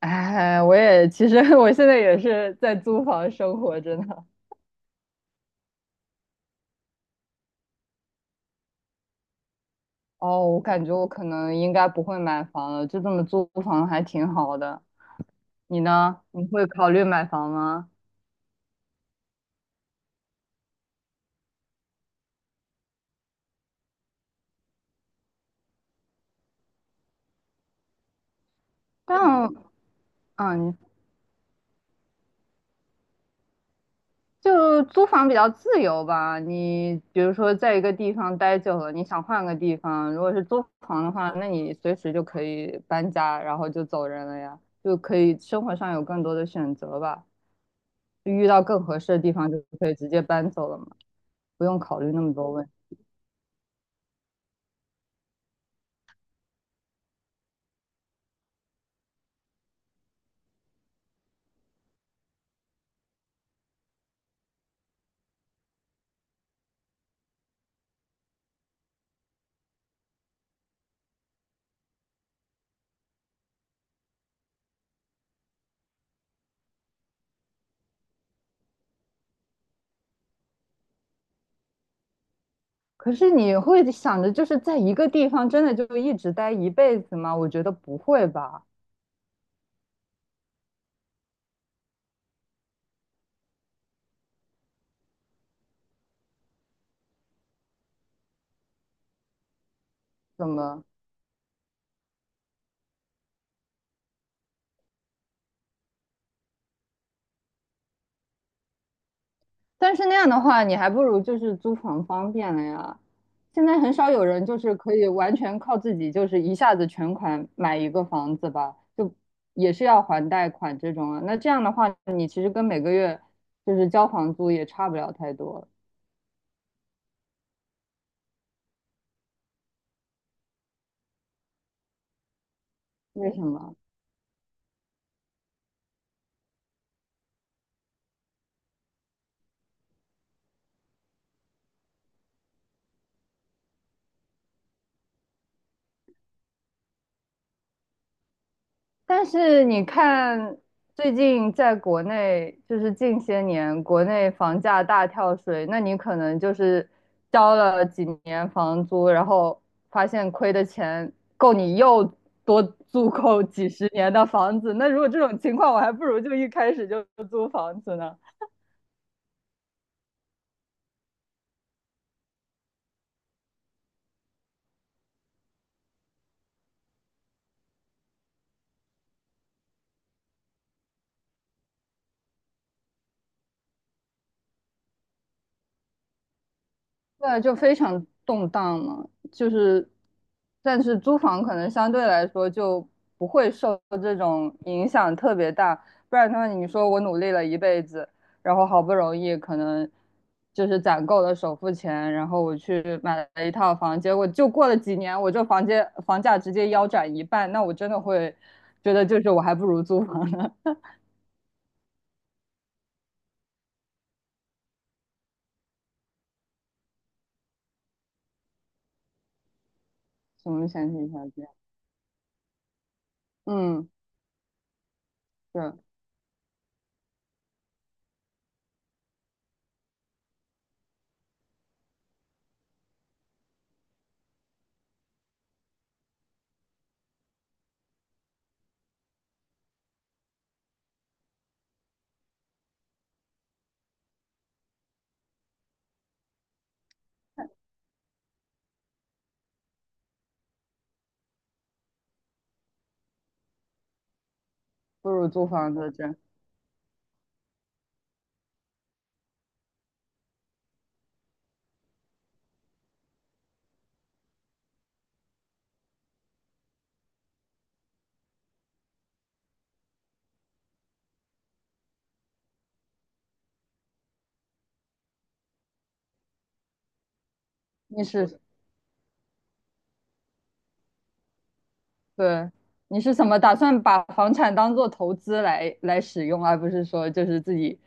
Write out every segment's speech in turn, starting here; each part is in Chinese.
哎，我也其实 我现在也是在租房生活真的。哦，我感觉我可能应该不会买房了，就这么租房还挺好的。你呢？你会考虑买房吗？但嗯，就租房比较自由吧。你比如说在一个地方待久了，你想换个地方，如果是租房的话，那你随时就可以搬家，然后就走人了呀，就可以生活上有更多的选择吧。就遇到更合适的地方，就可以直接搬走了嘛。不用考虑那么多问题。可是你会想着就是在一个地方真的就一直待一辈子吗？我觉得不会吧。怎么？但是那样的话，你还不如就是租房方便了呀。现在很少有人就是可以完全靠自己，就是一下子全款买一个房子吧，就也是要还贷款这种啊。那这样的话，你其实跟每个月就是交房租也差不了太多。为什么？但是你看，最近在国内，就是近些年国内房价大跳水，那你可能就是交了几年房租，然后发现亏的钱够你又多租够几十年的房子。那如果这种情况，我还不如就一开始就租房子呢。对，就非常动荡嘛，就是，但是租房可能相对来说就不会受这种影响特别大，不然的话，你说我努力了一辈子，然后好不容易可能就是攒够了首付钱，然后我去买了一套房，结果就过了几年，我这房间房价直接腰斩一半，那我真的会觉得就是我还不如租房呢。什么前提条件？嗯，对，不如租房子这，你是。对，你是怎么打算把房产当做投资来使用，而不是说就是自己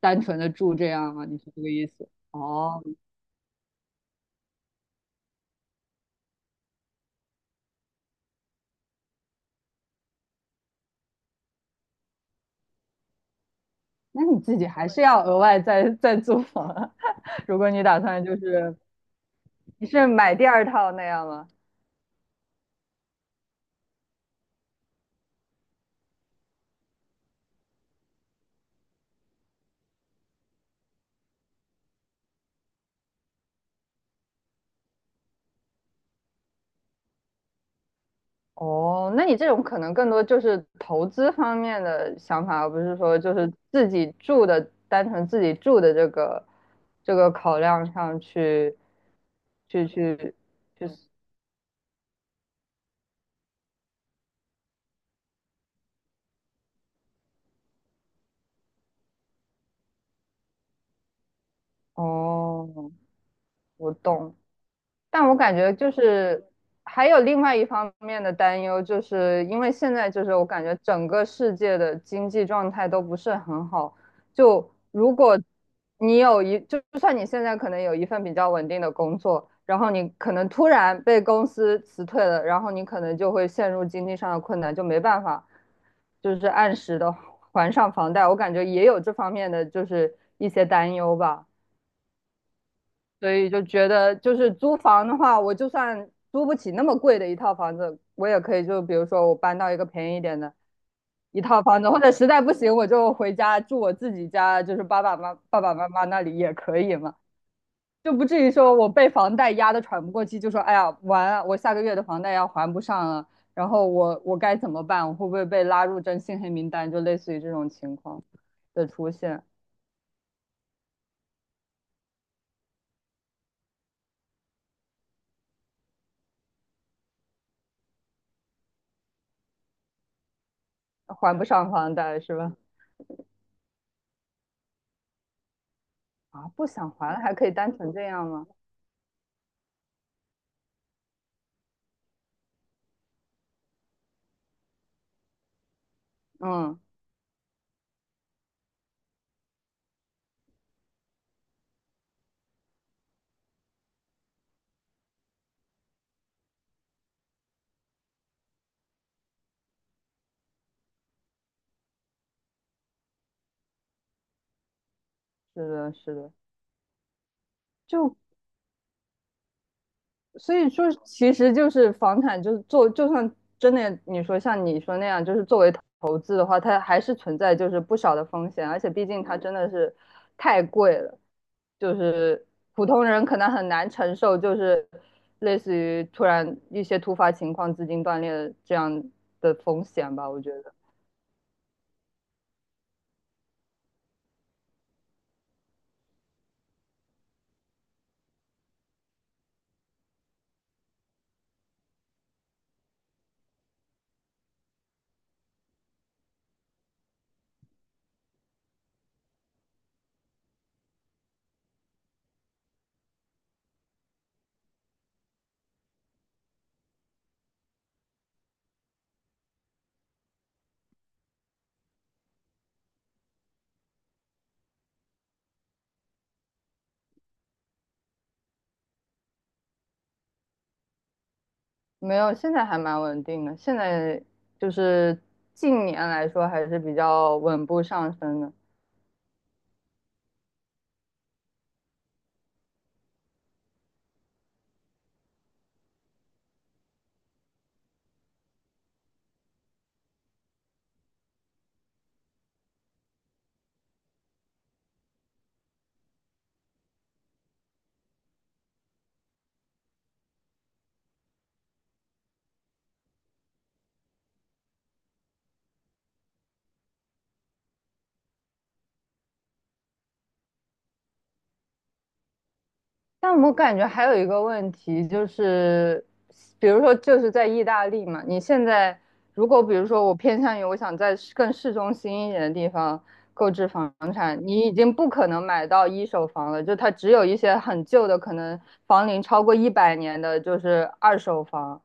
单纯的住这样吗？你是这个意思？哦，那你自己还是要额外再租房啊 如果你打算就是你是买第二套那样吗？哦，那你这种可能更多就是投资方面的想法，而不是说就是自己住的，单纯自己住的这个这个考量上去去去去。哦，我懂，但我感觉就是还有另外一方面的担忧，就是因为现在就是我感觉整个世界的经济状态都不是很好。就如果你有一，就就算你现在可能有一份比较稳定的工作，然后你可能突然被公司辞退了，然后你可能就会陷入经济上的困难，就没办法就是按时的还上房贷。我感觉也有这方面的就是一些担忧吧。所以就觉得就是租房的话，我就算租不起那么贵的一套房子，我也可以就比如说我搬到一个便宜一点的一套房子，或者实在不行我就回家住我自己家，就是爸爸妈妈那里也可以嘛，就不至于说我被房贷压得喘不过气，就说哎呀完了，我下个月的房贷要还不上了，然后我该怎么办？我会不会被拉入征信黑名单？就类似于这种情况的出现，还不上房贷是吧？啊，不想还了还可以单纯这样吗？嗯，是的，是的，就所以说，其实就是房产，就是做，就算真的你说像你说那样，就是作为投资的话，它还是存在就是不少的风险，而且毕竟它真的是太贵了，就是普通人可能很难承受，就是类似于突然一些突发情况、资金断裂的这样的风险吧，我觉得。没有，现在还蛮稳定的。现在就是近年来说还是比较稳步上升的。但我感觉还有一个问题就是，比如说就是在意大利嘛，你现在如果比如说我偏向于我想在市中心一点的地方购置房产，你已经不可能买到一手房了，就它只有一些很旧的，可能房龄超过一百年的，就是二手房。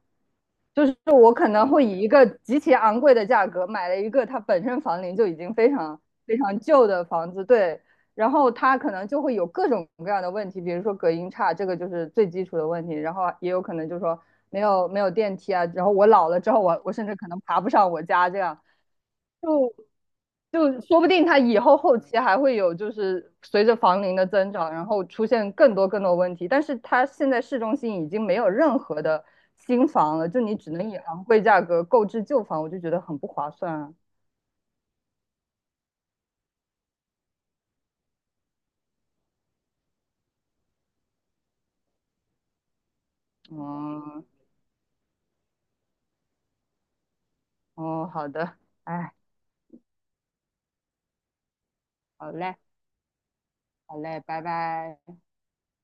就是我可能会以一个极其昂贵的价格买了一个它本身房龄就已经非常非常旧的房子，对，然后它可能就会有各种各样的问题，比如说隔音差，这个就是最基础的问题，然后也有可能就是说没有电梯啊，然后我老了之后我甚至可能爬不上我家这样，就就说不定它以后后期还会有，就是随着房龄的增长，然后出现更多更多问题。但是它现在市中心已经没有任何的新房了，就你只能以昂贵价格购置旧房，我就觉得很不划算啊。嗯，哦，好的，哎，好嘞，好嘞，拜拜。